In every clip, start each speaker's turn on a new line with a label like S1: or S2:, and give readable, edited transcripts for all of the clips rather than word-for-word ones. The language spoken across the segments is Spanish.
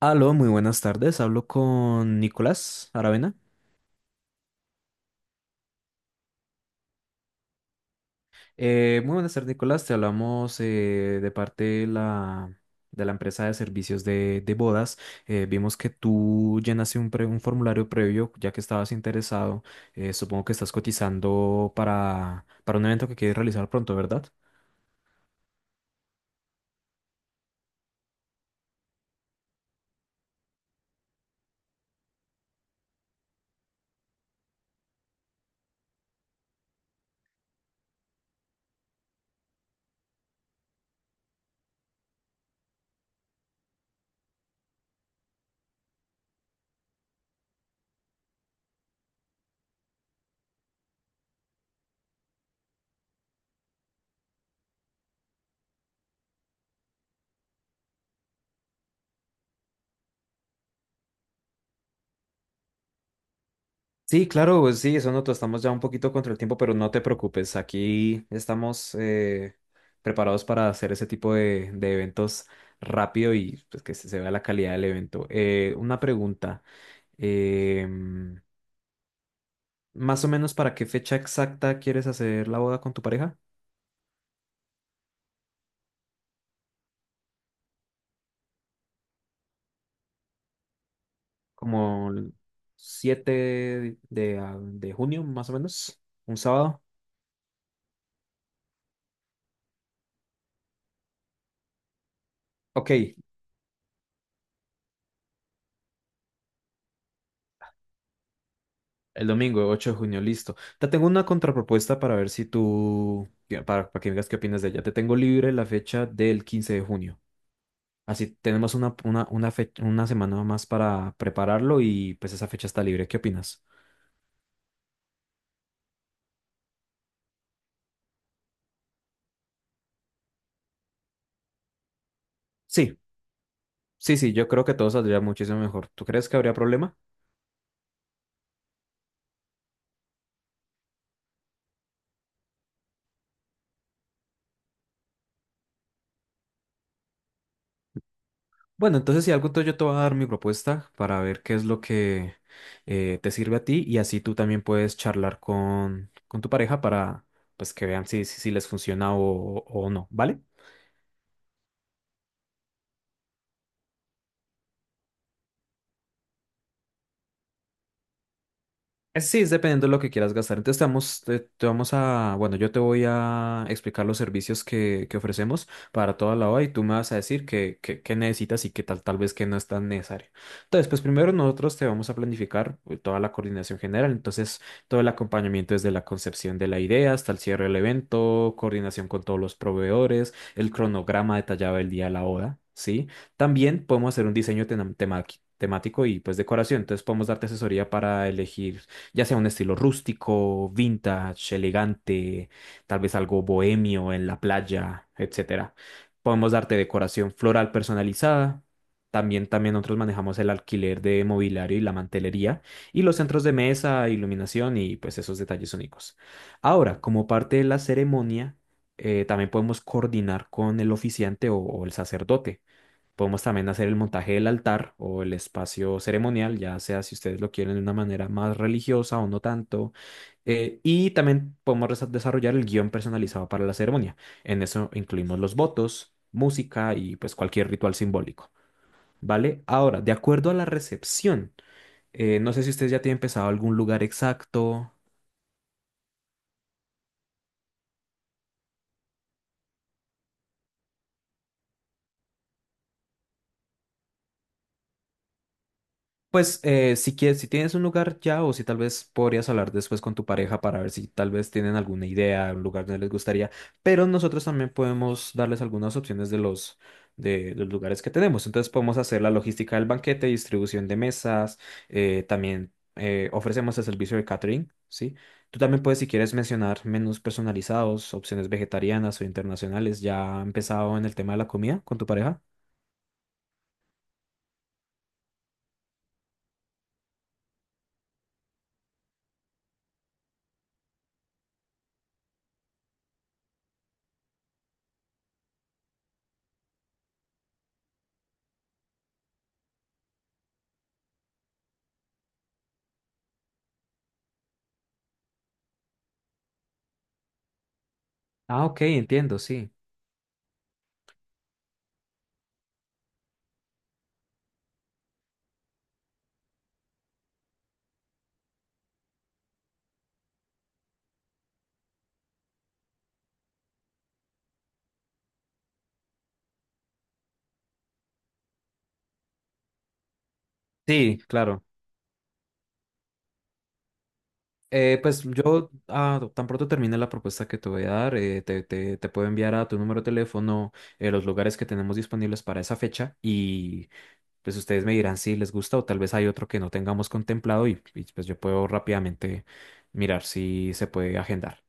S1: Aló, muy buenas tardes. Hablo con Nicolás Aravena. Muy buenas tardes, Nicolás. Te hablamos de parte de la empresa de servicios de bodas. Vimos que tú llenaste un formulario previo, ya que estabas interesado. Supongo que estás cotizando para un evento que quieres realizar pronto, ¿verdad? Sí, claro, pues sí, eso nosotros estamos ya un poquito contra el tiempo, pero no te preocupes, aquí estamos preparados para hacer ese tipo de eventos rápido y pues, se vea la calidad del evento. Una pregunta, em, más o menos ¿para qué fecha exacta quieres hacer la boda con tu pareja? ¿Como el 7 de junio, más o menos? ¿Un sábado? Ok, el domingo, 8 de junio, listo. Te tengo una contrapropuesta para ver si para que me digas qué opinas de ella. Te tengo libre la fecha del 15 de junio. Así tenemos una semana más para prepararlo y pues esa fecha está libre. ¿Qué opinas? Sí, sí, sí, yo creo que todo saldría muchísimo mejor. ¿Tú crees que habría problema? Bueno, entonces si algo, entonces yo te voy a dar mi propuesta para ver qué es lo que te sirve a ti y así tú también puedes charlar con tu pareja para pues que vean si, si les funciona o no, ¿vale? Sí, es dependiendo de lo que quieras gastar. Entonces te vamos a, bueno, yo te voy a explicar los servicios que ofrecemos para toda la OA y tú me vas a decir qué necesitas y qué tal, tal vez que no es tan necesario. Entonces, pues primero nosotros te vamos a planificar toda la coordinación general, entonces todo el acompañamiento desde la concepción de la idea hasta el cierre del evento, coordinación con todos los proveedores, el cronograma detallado del día de la boda, ¿sí? También podemos hacer un diseño temático y pues decoración. Entonces podemos darte asesoría para elegir ya sea un estilo rústico, vintage, elegante, tal vez algo bohemio en la playa, etcétera. Podemos darte decoración floral personalizada. También, también nosotros manejamos el alquiler de mobiliario y la mantelería y los centros de mesa, iluminación y pues esos detalles únicos. Ahora, como parte de la ceremonia, también podemos coordinar con el oficiante o el sacerdote. Podemos también hacer el montaje del altar o el espacio ceremonial, ya sea si ustedes lo quieren de una manera más religiosa o no tanto. Y también podemos desarrollar el guión personalizado para la ceremonia. En eso incluimos los votos, música y pues cualquier ritual simbólico, ¿vale? Ahora, de acuerdo a la recepción, no sé si ustedes ya tienen pensado algún lugar exacto. Pues si quieres, si tienes un lugar ya o si tal vez podrías hablar después con tu pareja para ver si tal vez tienen alguna idea, un lugar donde les gustaría, pero nosotros también podemos darles algunas opciones los lugares que tenemos. Entonces podemos hacer la logística del banquete, distribución de mesas, también ofrecemos el servicio de catering, ¿sí? Tú también puedes, si quieres, mencionar menús personalizados, opciones vegetarianas o internacionales. ¿Ya ha empezado en el tema de la comida con tu pareja? Ah, ok, entiendo, sí. Sí, claro. Pues yo ah, tan pronto termine la propuesta que te voy a dar, te puedo enviar a tu número de teléfono los lugares que tenemos disponibles para esa fecha y pues ustedes me dirán si les gusta o tal vez hay otro que no tengamos contemplado pues yo puedo rápidamente mirar si se puede agendar.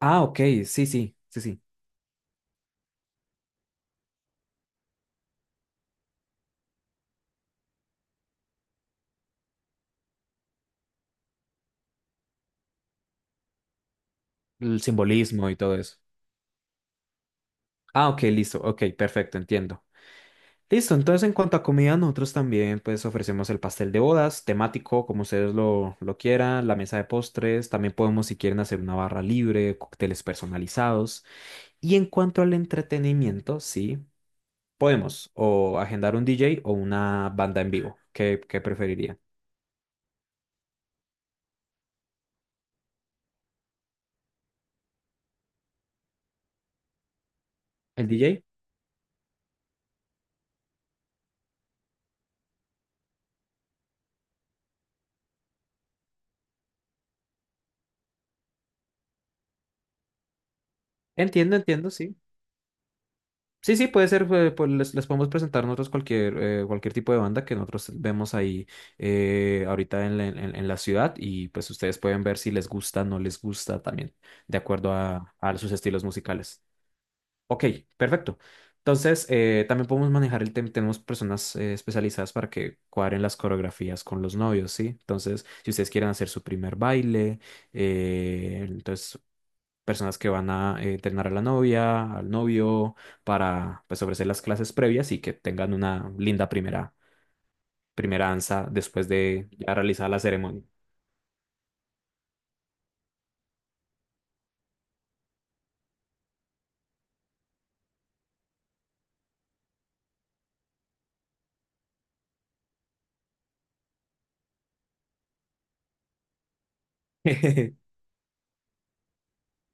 S1: Ah, ok, sí, sí, sí, sí, el simbolismo y todo eso. Ah, ok, listo, ok, perfecto, entiendo. Listo, entonces en cuanto a comida, nosotros también pues ofrecemos el pastel de bodas, temático, como ustedes lo quieran, la mesa de postres, también podemos si quieren hacer una barra libre, cócteles personalizados. Y en cuanto al entretenimiento, sí, podemos o agendar un DJ o una banda en vivo. Qué preferiría? ¿El DJ? Entiendo, entiendo, sí. Sí, sí, puede ser, pues les podemos presentar nosotros cualquier, cualquier tipo de banda que nosotros vemos ahí ahorita en la ciudad y pues ustedes pueden ver si les gusta, no les gusta también, de acuerdo a sus estilos musicales. Ok, perfecto. Entonces, también podemos manejar el tema, tenemos personas especializadas para que cuadren las coreografías con los novios, ¿sí? Entonces, si ustedes quieren hacer su primer baile, entonces personas que van a entrenar a la novia, al novio, para pues ofrecer las clases previas y que tengan una linda primera danza después de ya realizar la ceremonia.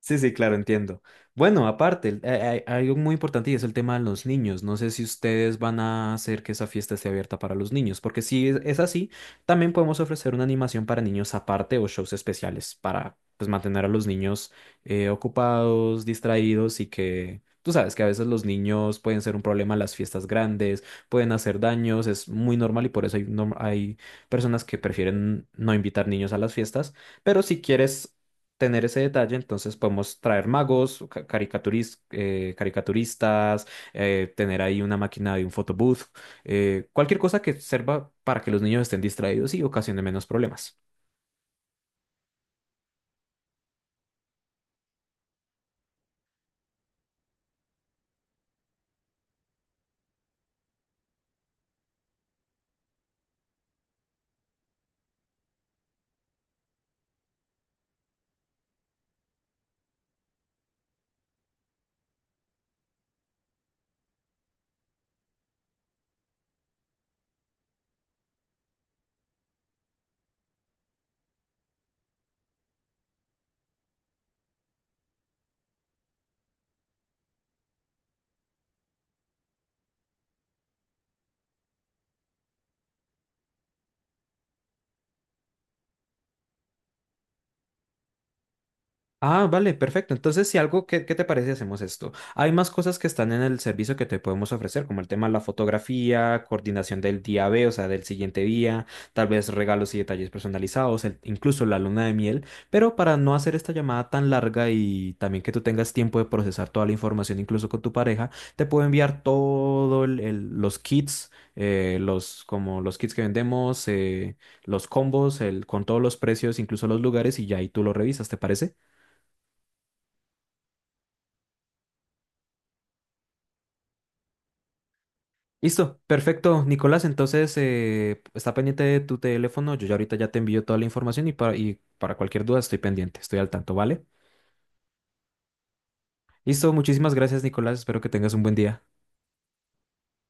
S1: Sí, sí, claro, entiendo. Bueno, aparte, hay algo muy importante y es el tema de los niños. No sé si ustedes van a hacer que esa fiesta esté abierta para los niños, porque si es así, también podemos ofrecer una animación para niños aparte o shows especiales para pues, mantener a los niños ocupados, distraídos y que tú sabes que a veces los niños pueden ser un problema en las fiestas grandes, pueden hacer daños, es muy normal y por eso hay personas que prefieren no invitar niños a las fiestas. Pero si quieres tener ese detalle, entonces podemos traer magos, caricaturistas, tener ahí una máquina de un photobooth, cualquier cosa que sirva para que los niños estén distraídos y ocasione menos problemas. Ah, vale, perfecto. Entonces, si algo, qué te parece si hacemos esto? Hay más cosas que están en el servicio que te podemos ofrecer, como el tema de la fotografía, coordinación del día B, o sea, del siguiente día, tal vez regalos y detalles personalizados, incluso la luna de miel, pero para no hacer esta llamada tan larga y también que tú tengas tiempo de procesar toda la información, incluso con tu pareja, te puedo enviar los kits, como los kits que vendemos, los combos, el, con todos los precios, incluso los lugares, y ya ahí tú lo revisas, ¿te parece? Listo, perfecto, Nicolás. Entonces, está pendiente de tu teléfono. Yo ya ahorita ya te envío toda la información y para cualquier duda estoy pendiente, estoy al tanto, ¿vale? Listo, muchísimas gracias, Nicolás. Espero que tengas un buen día.